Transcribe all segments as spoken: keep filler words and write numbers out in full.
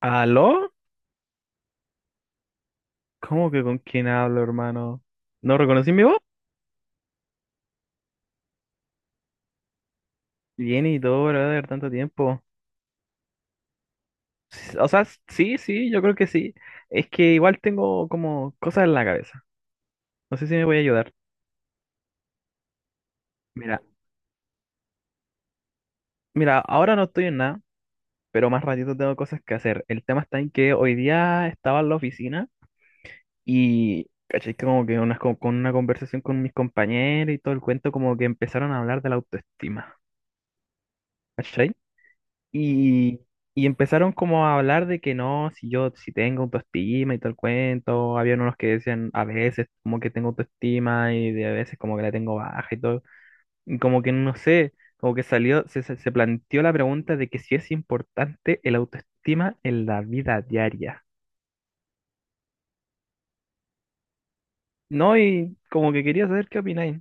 ¿Aló? ¿Cómo que con quién hablo, hermano? ¿No reconocí mi voz? Bien y todo, brother, tanto tiempo. S- O sea, s- sí, sí, yo creo que sí. Es que igual tengo como cosas en la cabeza. No sé si me voy a ayudar. Mira, mira, ahora no estoy en nada, pero más ratito tengo cosas que hacer. El tema está en que hoy día estaba en la oficina y, caché, como que unas co- con una conversación con mis compañeros y todo el cuento, como que empezaron a hablar de la autoestima. ¿Cachai? Y, y empezaron como a hablar de que no, si yo si tengo autoestima y todo el cuento, habían unos que decían a veces como que tengo autoestima y de a veces como que la tengo baja y todo, y como que no sé, como que salió, se, se se planteó la pregunta de que si es importante el autoestima en la vida diaria. No, y como que quería saber qué opináis.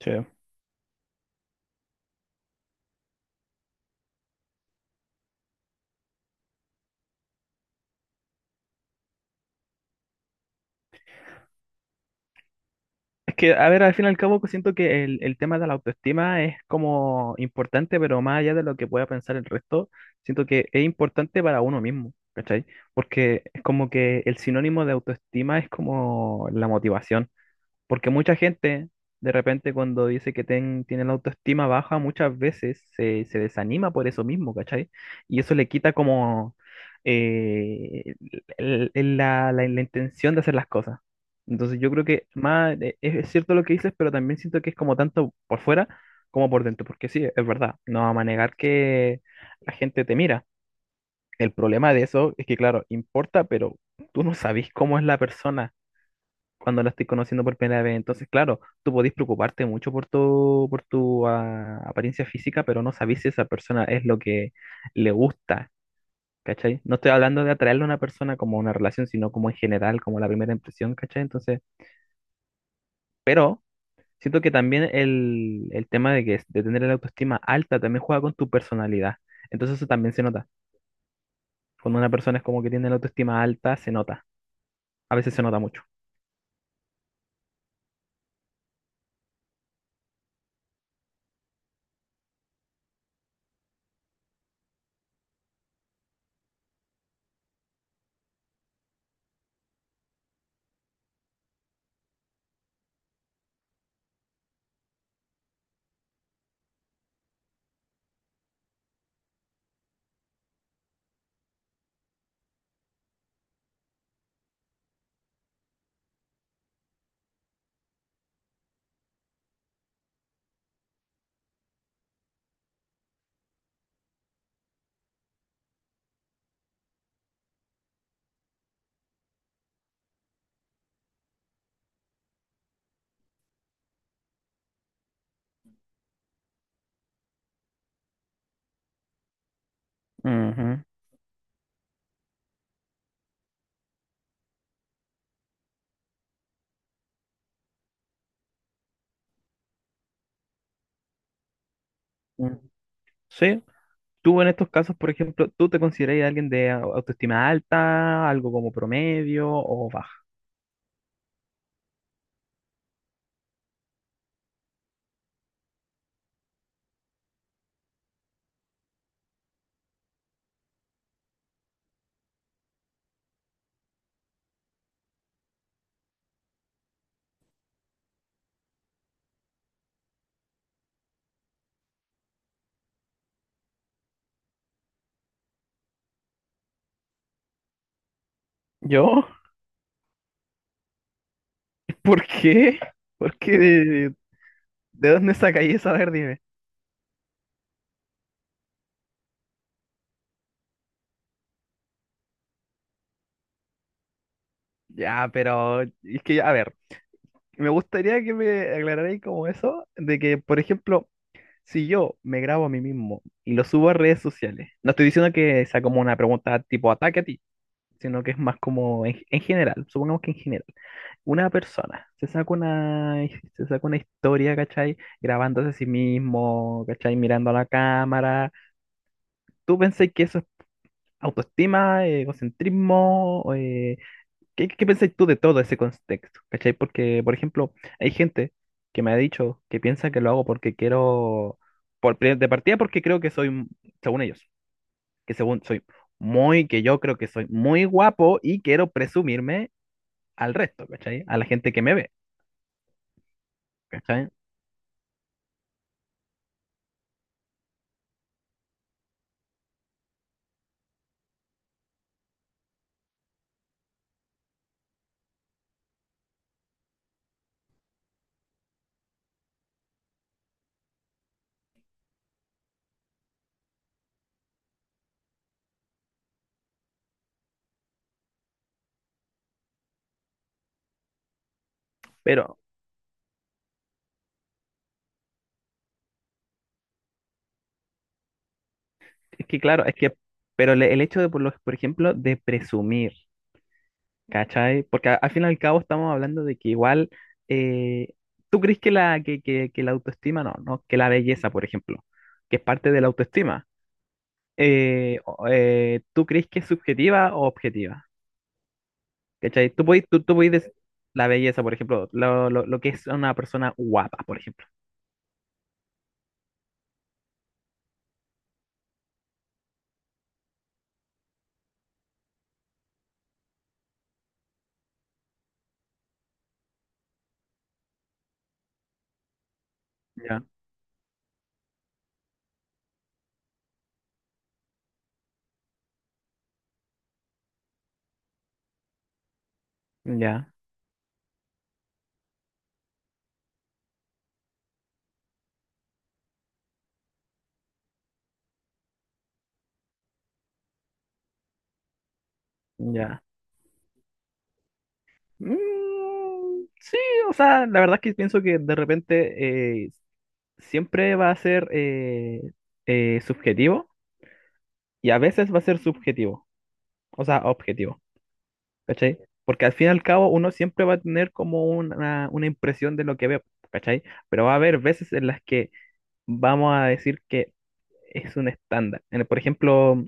Sí. Es que, a ver, al fin y al cabo, siento que el, el tema de la autoestima es como importante, pero más allá de lo que pueda pensar el resto, siento que es importante para uno mismo, ¿cachai? Porque es como que el sinónimo de autoestima es como la motivación. Porque mucha gente, de repente, cuando dice que ten- tiene la autoestima baja, muchas veces se, se desanima por eso mismo, ¿cachai? Y eso le quita como eh, el- el- la, la- la intención de hacer las cosas. Entonces yo creo que más eh, es es cierto lo que dices, pero también siento que es como tanto por fuera como por dentro, porque sí, es verdad, no vamos a negar que la gente te mira. El problema de eso es que, claro, importa, pero tú no sabes cómo es la persona cuando la estoy conociendo por primera vez. Entonces, claro, tú podés preocuparte mucho por tu, por tu ah, apariencia física, pero no sabés si esa persona es lo que le gusta, ¿cachai? No estoy hablando de atraerle a una persona como una relación, sino como en general, como la primera impresión, ¿cachai? Entonces, pero siento que también el, el tema de que de tener la autoestima alta también juega con tu personalidad. Entonces eso también se nota. Cuando una persona es como que tiene la autoestima alta, se nota. A veces se nota mucho. Ujú. Mm. Sí, tú en estos casos, por ejemplo, ¿tú te consideras alguien de au- autoestima alta, algo como promedio o baja? ¿Yo? ¿Por qué? ¿Por qué? ¿De, ¿de dónde sacáis eso? A ver, dime. Ya, pero es que, a ver, me gustaría que me aclararais como eso, de que, por ejemplo, si yo me grabo a mí mismo y lo subo a redes sociales, no estoy diciendo que sea como una pregunta tipo ataque a ti, sino que es más como en, en general, supongamos que en general, una persona se saca una, se saca una historia, ¿cachai? Grabándose a sí mismo, ¿cachai? Mirando a la cámara. ¿Tú pensás que eso es autoestima, eh, egocentrismo? eh, ¿qué, Qué pensás tú de todo ese contexto, ¿cachai? Porque, por ejemplo, hay gente que me ha dicho que piensa que lo hago porque quiero, por, pri- de partida porque creo que soy, m- según ellos, que según soy muy, que yo creo que soy muy guapo y quiero presumirme al resto, ¿cachai? A la gente que me ve, ¿cachai? Pero es que, claro, es que, pero le- el hecho de, por, lo- por ejemplo, de presumir, ¿cachai? Porque a- al fin y al cabo estamos hablando de que igual, eh, ¿tú crees que la, que, que, que la autoestima, no, no, que la belleza, por ejemplo, que es parte de la autoestima, eh, o- eh, ¿tú crees que es subjetiva o objetiva? ¿Cachai? Tú podés, tú, tú podés decir la belleza, por ejemplo, lo, lo, lo que es una persona guapa, por ejemplo. Ya, ya, ya. Mm, sí, o sea, la verdad es que pienso que de repente eh, siempre va a ser eh, eh, subjetivo y a veces va a ser subjetivo, o sea, objetivo, ¿cachai? Porque al fin y al cabo uno siempre va a tener como una, una impresión de lo que ve, ¿cachai? Pero va a haber veces en las que vamos a decir que es un estándar. En el- por ejemplo,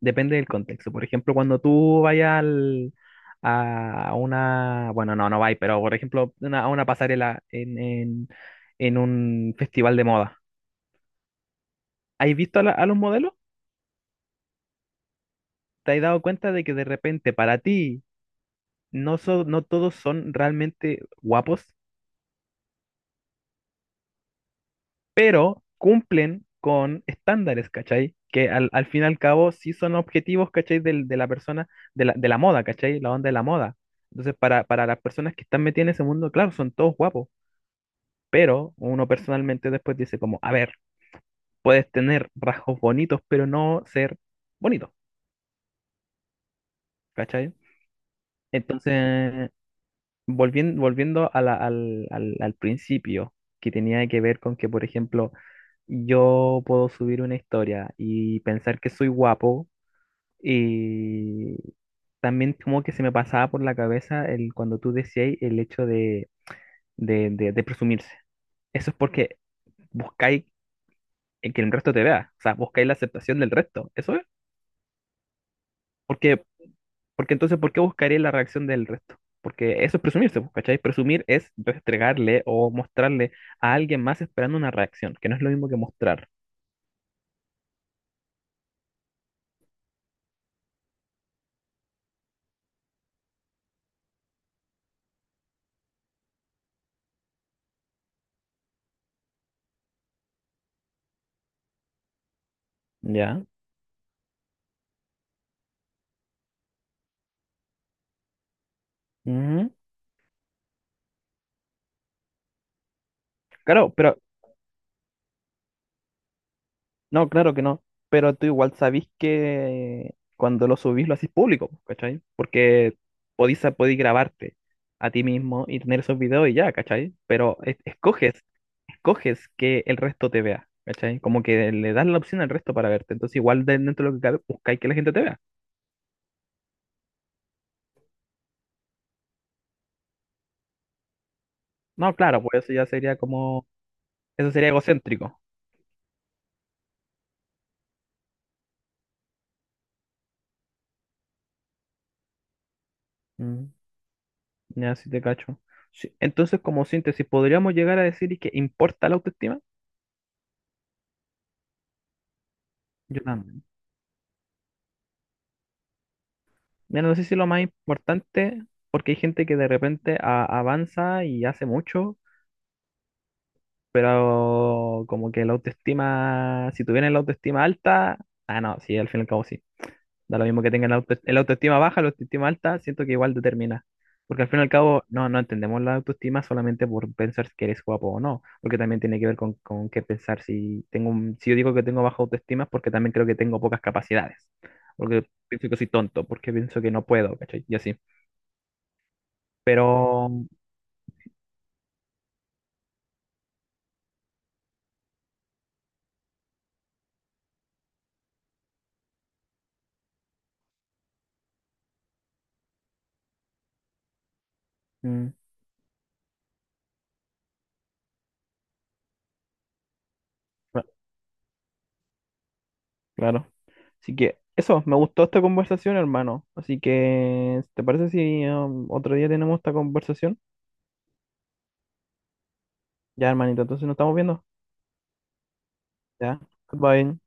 depende del contexto. Por ejemplo, cuando tú vayas al- a una, bueno, no, no vais, pero por ejemplo, una- a una pasarela en, en, en un festival de moda, ¿has visto a, la- a los modelos? ¿Te has dado cuenta de que de repente para ti no, so- no todos son realmente guapos, pero cumplen con estándares, ¿cachai? Que al, al fin y al cabo sí son objetivos, ¿cachai? Del- de la persona, de la, de la moda, ¿cachai? La onda de la moda. Entonces, para, para las personas que están metidas en ese mundo, claro, son todos guapos. Pero uno personalmente después dice como, a ver, puedes tener rasgos bonitos, pero no ser bonito, ¿cachai? Entonces, volviendo, volviendo a la- al, al, al principio, que tenía que ver con que, por ejemplo, yo puedo subir una historia y pensar que soy guapo y también como que se me pasaba por la cabeza el, cuando tú decías el hecho de, de, de, de presumirse. Eso es porque buscáis el que el resto te vea, o sea, buscáis la aceptación del resto, ¿eso es? Porque, porque entonces, ¿por qué buscaré la reacción del resto? Porque eso es presumirse, pues, ¿cachai? Presumir es restregarle o mostrarle a alguien más esperando una reacción, que no es lo mismo que mostrar. ¿Ya? Ujú. Claro, pero, no, claro que no. Pero tú igual sabís que cuando lo subís lo hacís público, pues, ¿cachai? Porque podís, podís grabarte a ti mismo y tener esos videos y ya, ¿cachai? Pero es- escoges coges que el resto te vea, ¿cachai? Como que le das la opción al resto para verte. Entonces, igual de- dentro de lo que cabe, buscáis que la gente te vea. No, claro, pues eso ya sería como, eso sería egocéntrico. Mm. Ya, si te cacho. Sí, entonces, como síntesis, podríamos llegar a decir que importa la autoestima. Yo también. Mira, no sé si lo más importante, porque hay gente que de repente a- avanza y hace mucho, pero como que la autoestima, si tuvieran la autoestima alta, ah, no, sí, al fin y al cabo sí. Da lo mismo que tengan auto, el autoestima baja, la autoestima alta, siento que igual determina. Porque al fin y al cabo, no, no entendemos la autoestima solamente por pensar que eres guapo o no, porque también tiene que ver con, con qué pensar. Si tengo un- si yo digo que tengo baja autoestima es porque también creo que tengo pocas capacidades, porque pienso que soy tonto, porque pienso que no puedo, ¿cachai? Y así. Pero, mm, cla- claro. Así que eso, me gustó esta conversación, hermano. Así que, ¿te parece si um, otro día tenemos esta conversación? Ya, hermanito, entonces nos estamos viendo. Ya, goodbye.